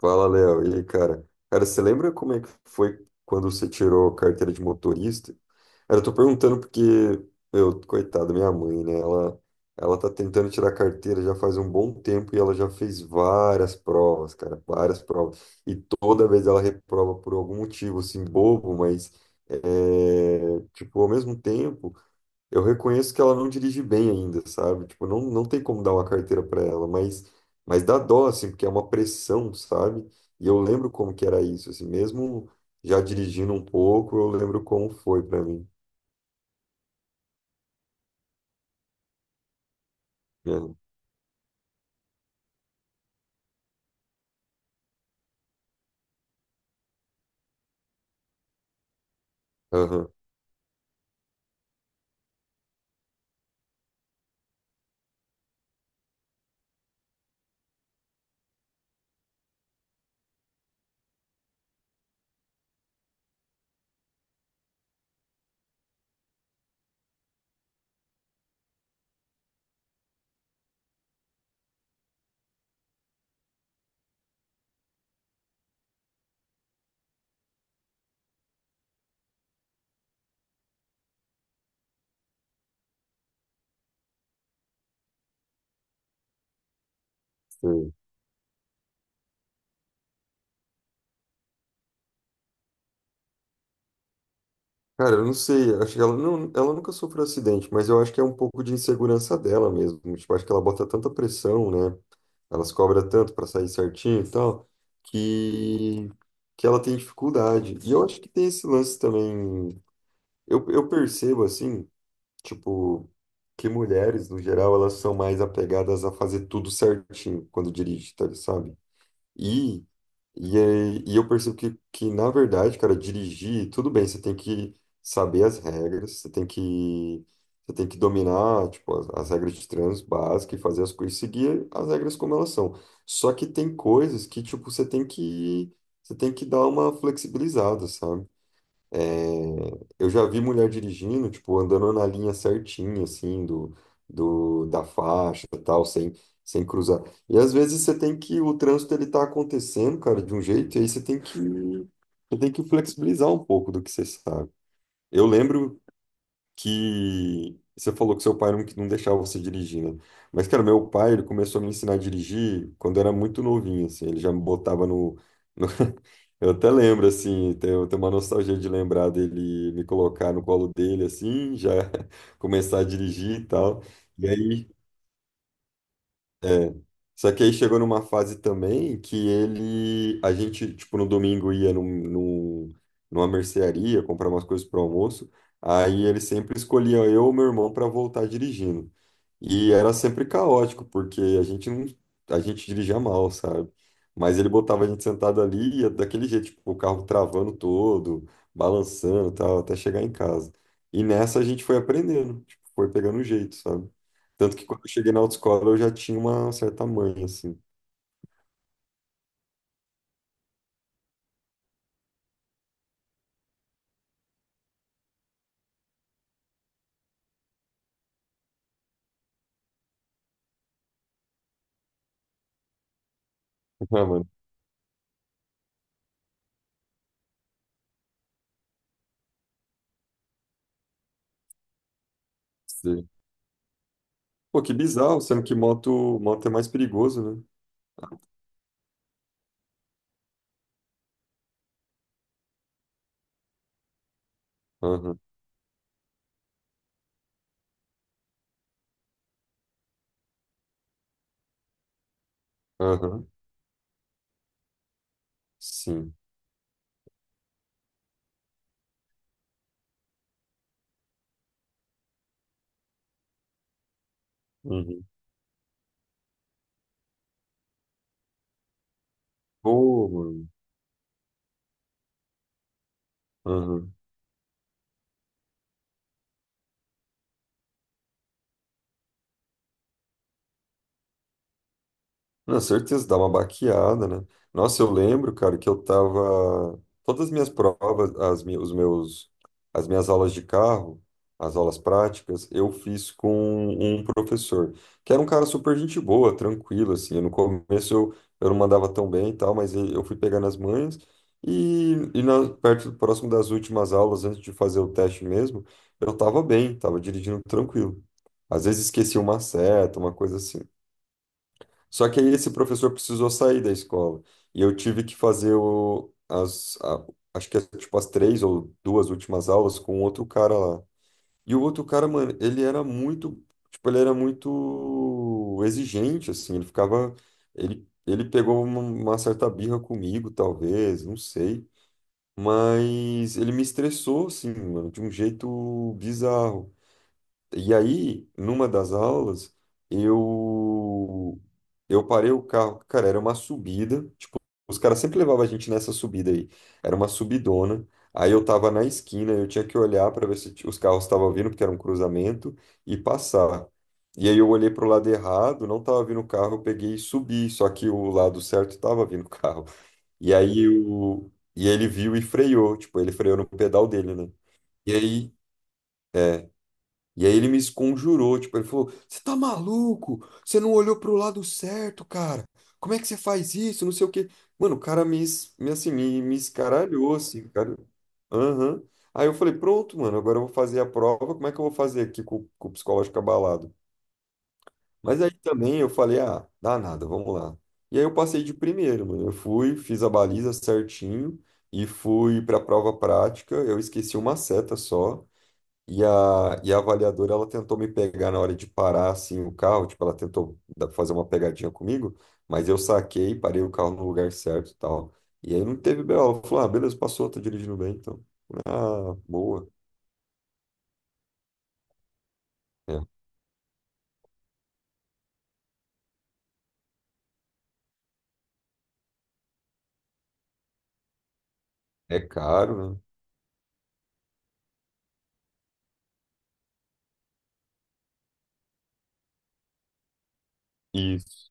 Fala, Léo. E aí, cara? Cara, você lembra como é que foi quando você tirou a carteira de motorista? Cara, eu tô perguntando porque, meu, coitada, minha mãe, né? Ela tá tentando tirar a carteira já faz um bom tempo e ela já fez várias provas, cara, várias provas. E toda vez ela reprova por algum motivo, assim, bobo, mas, é, tipo, ao mesmo tempo. Eu reconheço que ela não dirige bem ainda, sabe? Tipo, não tem como dar uma carteira para ela, mas dá dó, assim, porque é uma pressão, sabe? E eu lembro como que era isso, assim, mesmo já dirigindo um pouco, eu lembro como foi para mim. Né? Aham, sei. Cara, eu não sei, acho que ela, não, ela nunca sofreu acidente, mas eu acho que é um pouco de insegurança dela mesmo. Tipo, acho que ela bota tanta pressão, né? Ela se cobra tanto para sair certinho e tal, que, que ela tem dificuldade. E eu acho que tem esse lance também. Eu percebo assim, tipo, que mulheres, no geral, elas são mais apegadas a fazer tudo certinho quando dirige, tá, sabe? E, e eu percebo que, na verdade, cara, dirigir, tudo bem, você tem que saber as regras, você tem que dominar, tipo, as regras de trânsito básicas e fazer as coisas, seguir as regras como elas são. Só que tem coisas que, tipo, você tem que dar uma flexibilizada, sabe? Eu já vi mulher dirigindo, tipo, andando na linha certinha, assim, do, da faixa e tal, sem cruzar. E às vezes você tem que, o trânsito ele tá acontecendo, cara, de um jeito, e aí você tem que flexibilizar um pouco do que você sabe. Eu lembro que você falou que seu pai não deixava você dirigir, né? Mas, cara, meu pai, ele começou a me ensinar a dirigir quando eu era muito novinho, assim, ele já me botava no. Eu até lembro, assim, tenho uma nostalgia de lembrar dele me colocar no colo dele, assim, já começar a dirigir e tal. E aí só que aí chegou numa fase também que ele, a gente, tipo, no domingo ia num, numa mercearia comprar umas coisas pro almoço, aí ele sempre escolhia eu ou meu irmão para voltar dirigindo. E era sempre caótico, porque a gente não, a gente dirigia mal, sabe? Mas ele botava a gente sentado ali e ia daquele jeito, tipo, o carro travando todo, balançando, e tal, até chegar em casa. E nessa a gente foi aprendendo, tipo, foi pegando o jeito, sabe? Tanto que quando eu cheguei na autoescola eu já tinha uma certa manha, assim. Ah, mano, sei. Pô, que bizarro, sendo que moto, moto é mais perigoso, né? Aham, aham, sim. Uhum. Pô, mano. Aham. Na certeza, dá uma baqueada, né? Nossa, eu lembro, cara, que eu tava. Todas as minhas provas, as, mi- os meus, as minhas aulas de carro, as aulas práticas, eu fiz com um professor, que era um cara super gente boa, tranquilo, assim. No começo eu não mandava tão bem e tal, mas eu fui pegando as manhas. E próximo das últimas aulas, antes de fazer o teste mesmo, eu tava bem, tava dirigindo tranquilo. Às vezes esquecia uma seta, uma coisa assim. Só que aí esse professor precisou sair da escola e eu tive que fazer acho que tipo, as três ou duas últimas aulas com outro cara lá. E o outro cara, mano, ele era muito exigente, assim, ele ficava, ele pegou uma certa birra comigo, talvez, não sei, mas ele me estressou, assim, mano, de um jeito bizarro. E aí, numa das aulas, eu eu parei o carro. Cara, era uma subida. Tipo, os caras sempre levavam a gente nessa subida aí. Era uma subidona. Aí eu tava na esquina, eu tinha que olhar para ver se os carros estavam vindo, porque era um cruzamento, e passar. E aí eu olhei pro lado errado, não tava vindo o carro, eu peguei e subi, só que o lado certo tava vindo o carro. E aí o e ele viu e freou, tipo, ele freou no pedal dele, né? E aí e aí ele me esconjurou, tipo, ele falou: Você tá maluco? Você não olhou pro lado certo, cara. Como é que você faz isso? Não sei o quê. Mano, o cara me, es- me, assim, me escaralhou, assim, cara. Aham. Aí eu falei: Pronto, mano, agora eu vou fazer a prova. Como é que eu vou fazer aqui com o psicológico abalado? Mas aí também eu falei: Ah, dá nada, vamos lá. E aí eu passei de primeiro, mano. Eu fui, fiz a baliza certinho e fui pra prova prática. Eu esqueci uma seta só. E a avaliadora, ela tentou me pegar na hora de parar, assim, o carro. Tipo, ela tentou fazer uma pegadinha comigo, mas eu saquei, parei o carro no lugar certo e tal. E aí não teve BO. Ela falou, ah, beleza, passou, tá dirigindo bem, então. Ah, boa. É, é caro, né? Isso.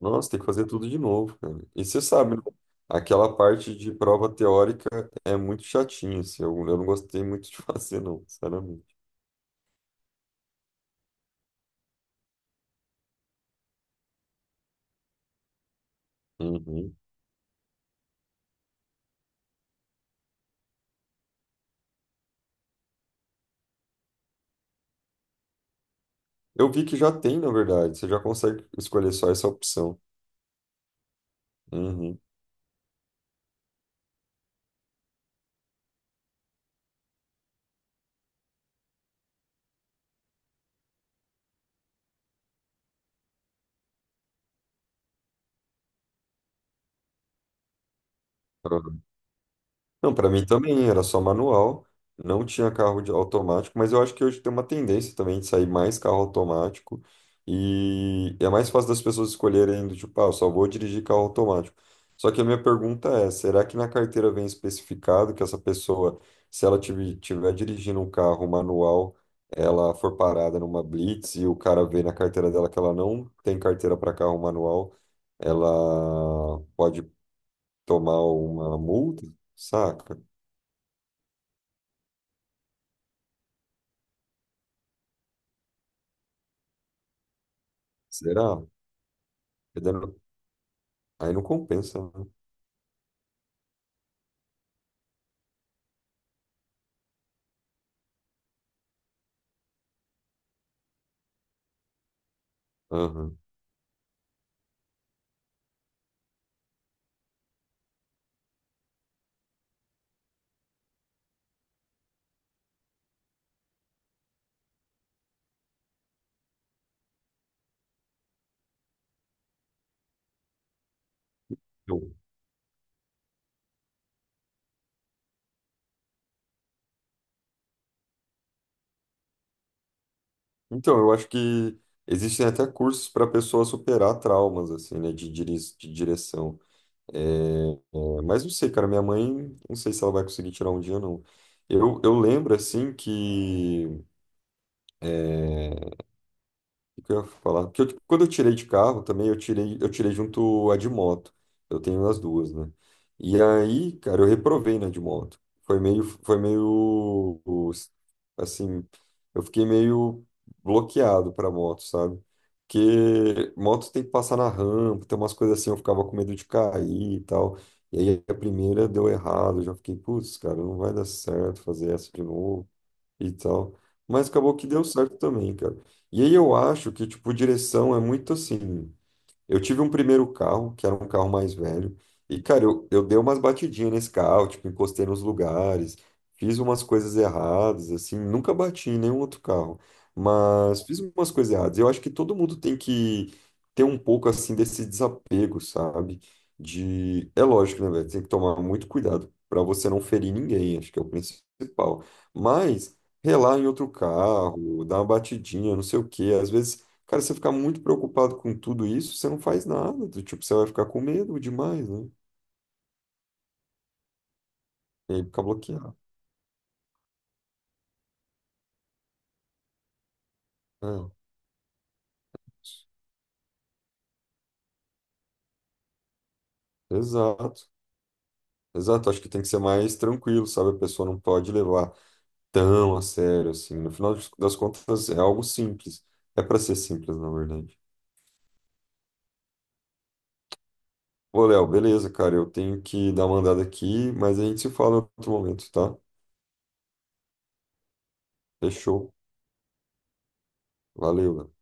Nossa, tem que fazer tudo de novo, cara. E você sabe, né? Aquela parte de prova teórica é muito chatinha, assim. Eu não gostei muito de fazer, não, sinceramente. Uhum. Eu vi que já tem, na verdade. Você já consegue escolher só essa opção. Uhum. Uhum. Não, para mim também era só manual. Não tinha carro de automático, mas eu acho que hoje tem uma tendência também de sair mais carro automático. E é mais fácil das pessoas escolherem do tipo, ah, eu só vou dirigir carro automático. Só que a minha pergunta é, será que na carteira vem especificado que essa pessoa, se ela estiver dirigindo um carro manual, ela for parada numa blitz e o cara vê na carteira dela que ela não tem carteira para carro manual? Ela pode tomar uma multa, saca? Será? Porque daí não- Aí não compensa, né? Aham. Eu- Então, eu acho que existem até cursos para a pessoa superar traumas, assim, né, de direção. É, mas não sei, cara, minha mãe, não sei se ela vai conseguir tirar um dia, não. Eu lembro, assim, é, O que eu ia falar? Porque eu, tipo, quando eu tirei de carro também, eu tirei junto a de moto. Eu tenho as duas, né? E aí, cara, eu reprovei na de moto. Foi meio, foi meio, os- assim, eu fiquei meio bloqueado pra moto, sabe? Porque moto tem que passar na rampa, tem umas coisas assim, eu ficava com medo de cair e tal. E aí a primeira deu errado, eu já fiquei, putz, cara, não vai dar certo fazer essa de novo e tal. Mas acabou que deu certo também, cara. E aí eu acho que, tipo, direção é muito assim. Eu tive um primeiro carro, que era um carro mais velho, e, cara, eu dei umas batidinhas nesse carro, tipo, encostei nos lugares, fiz umas coisas erradas, assim, nunca bati em nenhum outro carro, mas fiz umas coisas erradas. Eu acho que todo mundo tem que ter um pouco, assim, desse desapego, sabe? De... É lógico, né, velho? Tem que tomar muito cuidado para você não ferir ninguém, acho que é o principal. Mas relar em outro carro, dar uma batidinha, não sei o quê, às vezes. Cara, se você ficar muito preocupado com tudo isso, você não faz nada, do tipo, você vai ficar com medo demais, né? E aí fica bloqueado. É, exato. Exato. Acho que tem que ser mais tranquilo, sabe? A pessoa não pode levar tão a sério assim. No final das contas, é algo simples. É para ser simples, na verdade. Ô, Léo, beleza, cara. Eu tenho que dar uma andada aqui, mas a gente se fala em outro momento, tá? Fechou. Valeu, Léo.